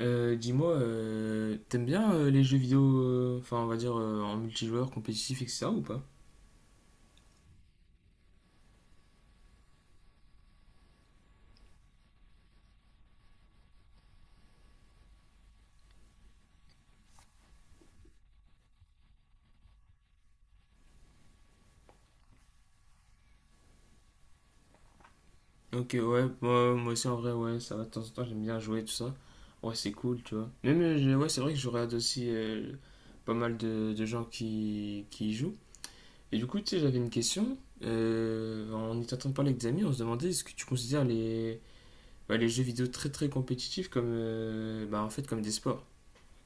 Dis-moi, t'aimes bien les jeux vidéo, enfin on va dire en multijoueur, compétitif, et etc. ou pas? Ok, ouais, moi aussi en vrai, ouais, ça va, de temps en temps j'aime bien jouer, tout ça. Ouais, c'est cool, tu vois. Même, ouais, c'est vrai que je regarde aussi pas mal de gens qui y jouent. Et du coup, tu sais, j'avais une question. En étant en train de parler avec des amis, on se demandait est-ce que tu considères les, bah, les jeux vidéo très très compétitifs comme, bah, en fait, comme des sports.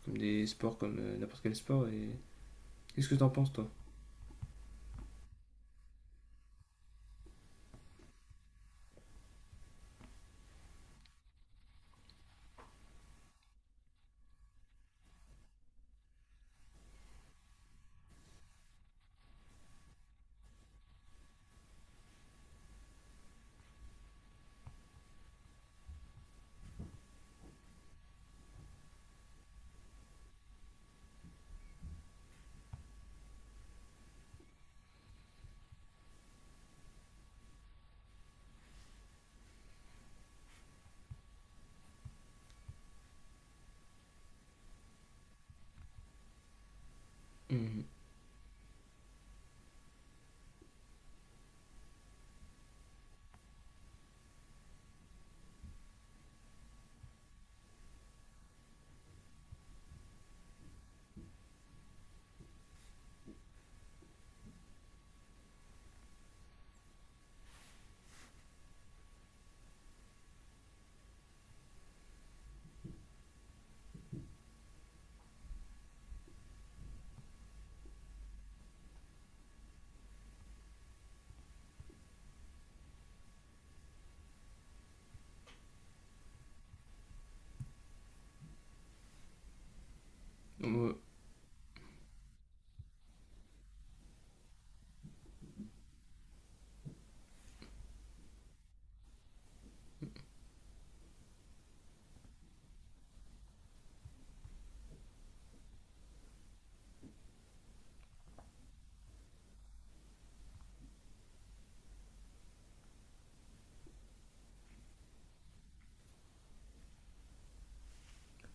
Comme des sports, comme n'importe quel sport. Et qu'est-ce que t'en penses, toi? Ouais,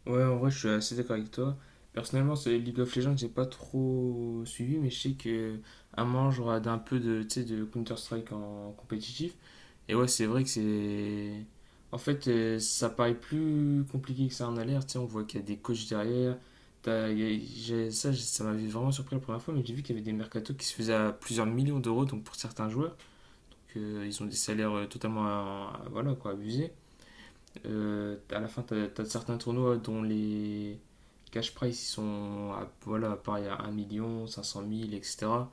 ouais, en vrai, je suis assez d'accord avec toi. Personnellement, ce League of Legends, j'ai pas trop suivi, mais je sais que à un moment, je regarde un peu de, tu sais, de Counter-Strike en compétitif. Et ouais, c'est vrai que c'est. En fait, ça paraît plus compliqué que ça en a l'air. Tu sais, on voit qu'il y a des coachs derrière. T'as- il y a- j'ai- Ça, j'ai- Ça m'avait vraiment surpris la première fois, mais j'ai vu qu'il y avait des mercatos qui se faisaient à plusieurs millions d'euros, donc pour certains joueurs, qu'ils ont des salaires totalement, voilà, quoi, abusés. À la fin, tu as, certains tournois dont les cash price ils sont à, voilà, pareil à un million, 500 000, etc. Et cetera.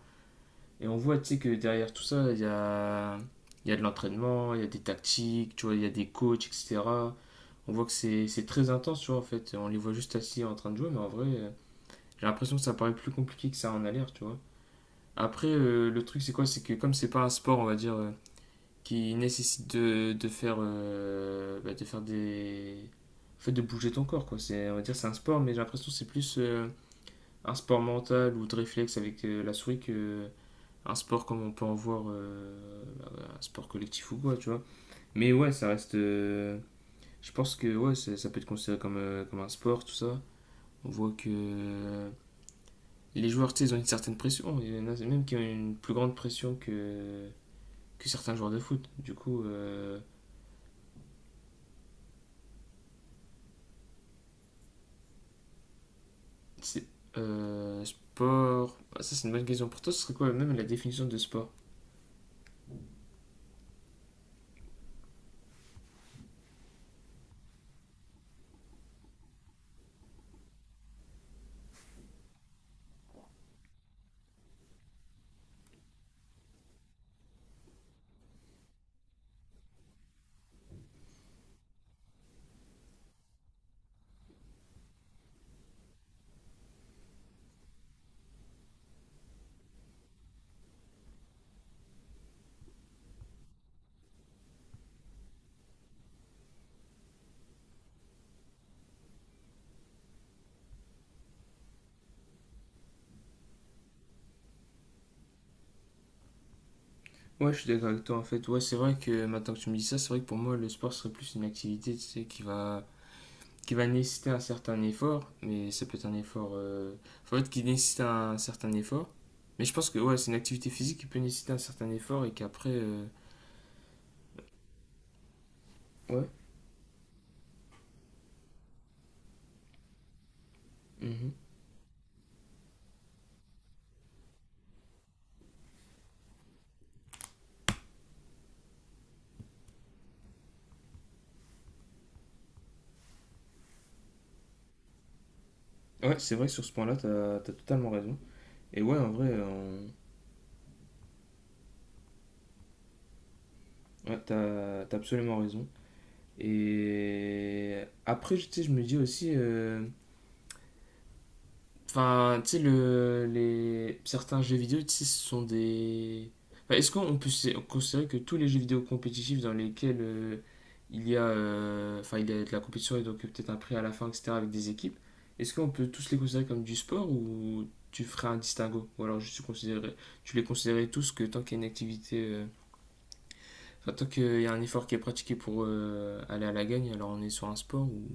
Et on voit tu sais, que derrière tout ça, il y a de l'entraînement, il y a des tactiques, tu vois, il y a des coachs, etc. On voit que c'est très intense, tu vois, en fait. On les voit juste assis en train de jouer, mais en vrai, j'ai l'impression que ça paraît plus compliqué que ça en a l'air, tu vois. Après, le truc, c'est quoi? C'est que comme c'est pas un sport, on va dire, qui nécessite de faire, bah, de faire des. En fait, de bouger ton corps, quoi. C'est, on va dire c'est un sport, mais j'ai l'impression que c'est plus un sport mental ou de réflexe avec la souris que un sport comme on peut en voir, bah, un sport collectif ou quoi, tu vois. Mais ouais, ça reste. Je pense que ouais, ça peut être considéré comme, comme un sport, tout ça. On voit que les joueurs, tu sais, ils ont une certaine pression. Il y en a même qui ont une plus grande pression que certains joueurs de foot. Du coup, C'est- sport. Ah, ça, c'est une bonne question. Pour toi, ce serait quoi même la définition de sport? Ouais, je suis d'accord avec toi en fait. Ouais, c'est vrai que maintenant que tu me dis ça, c'est vrai que pour moi, le sport serait plus une activité, tu sais, qui va nécessiter un certain effort, mais ça peut être un effort. En fait, qui nécessite un certain effort. Mais je pense que ouais, c'est une activité physique qui peut nécessiter un certain effort et qu'après. Ouais. Mhm. Ouais, c'est vrai que sur ce point-là, t'as totalement raison. Et ouais, en vrai, ouais, t'as absolument raison. Et après, tu sais, je me dis aussi, enfin, tu sais, certains jeux vidéo, tu sais, ce sont des... Enfin, est-ce qu'on peut considérer que tous les jeux vidéo compétitifs dans lesquels il y a, enfin, il y a de la compétition et donc peut-être un prix à la fin, etc., avec des équipes, est-ce qu'on peut tous les considérer comme du sport ou tu ferais un distinguo? Ou alors juste tu les considérais tous que tant qu'il y a une activité, enfin, tant qu'il y a un effort qui est pratiqué pour aller à la gagne, alors on est sur un sport ou...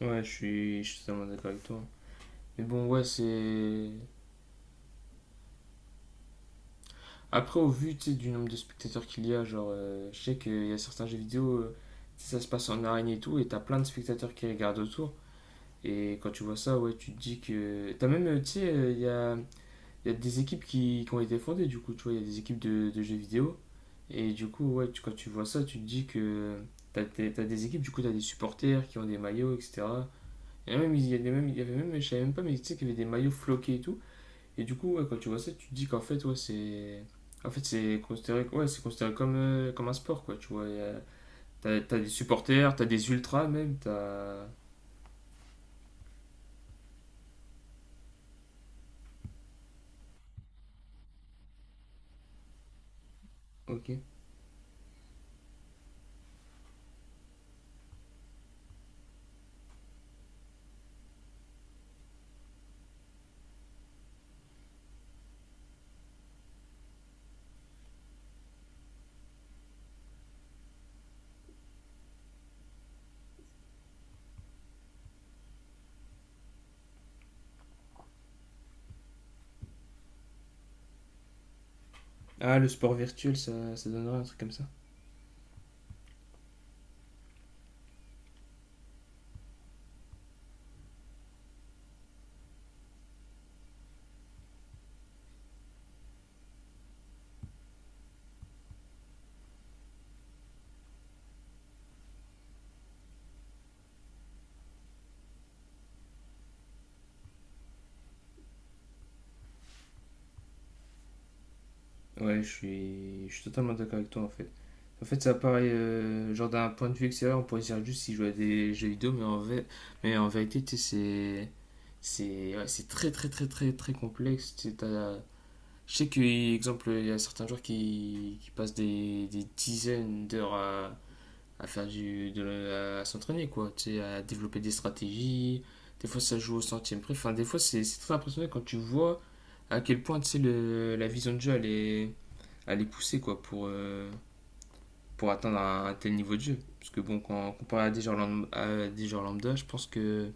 Ouais, je suis totalement d'accord avec toi. Mais bon, ouais, c'est. Après, au vu, tu sais, du nombre de spectateurs qu'il y a, genre, je sais qu'il y a certains jeux vidéo, tu sais, ça se passe en arène et tout, et t'as plein de spectateurs qui regardent autour. Et quand tu vois ça, ouais, tu te dis que. T'as même, tu sais, il y a des équipes qui ont été fondées, du coup, tu vois, il y a des équipes de jeux vidéo. Et du coup, ouais, quand tu vois ça, tu te dis que t'as des équipes, du coup, t'as des supporters qui ont des maillots, etc. Et même, il y a des- même, il y avait même, je savais même pas, mais tu sais qu'il y avait des maillots floqués et tout. Et du coup, ouais, quand tu vois ça, tu te dis qu'en fait, ouais, c'est. En fait, c'est considéré, ouais, c'est considéré comme, comme un sport, quoi. Tu vois, t'as des supporters, t'as des ultras même, t'as. Ok. Ah, le sport virtuel, ça donnerait un truc comme ça. Ouais, je suis totalement d'accord avec toi, en fait. En fait, ça paraît, genre d'un point de vue extérieur, on pourrait dire juste s'ils jouaient à des jeux vidéo, mais en vérité, tu sais, c'est. C'est ouais, c'est très, très, très, très, très complexe. Tu sais, Je sais qu'exemple, il y a certains joueurs qui passent des dizaines d'heures à faire à s'entraîner, quoi. Tu sais, à développer des stratégies. Des fois, ça joue au centième près. Enfin, des fois, c'est très impressionnant quand tu vois à quel point, tu sais, la vision de jeu, elle est poussée, quoi, pour atteindre un tel niveau de jeu. Parce que, bon, quand comparé à des joueurs lambda, à des joueurs lambda, je pense que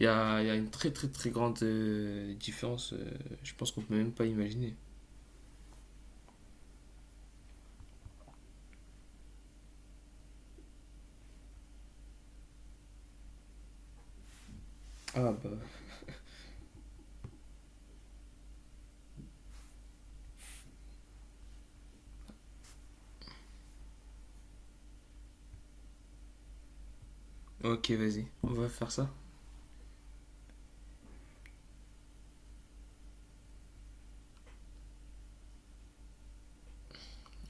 il y a une très, très, très grande différence. Je pense qu'on peut même pas imaginer. Ah, bah... Ok, vas-y, on va faire ça.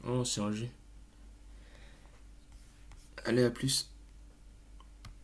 On s'est un. Allez, à plus.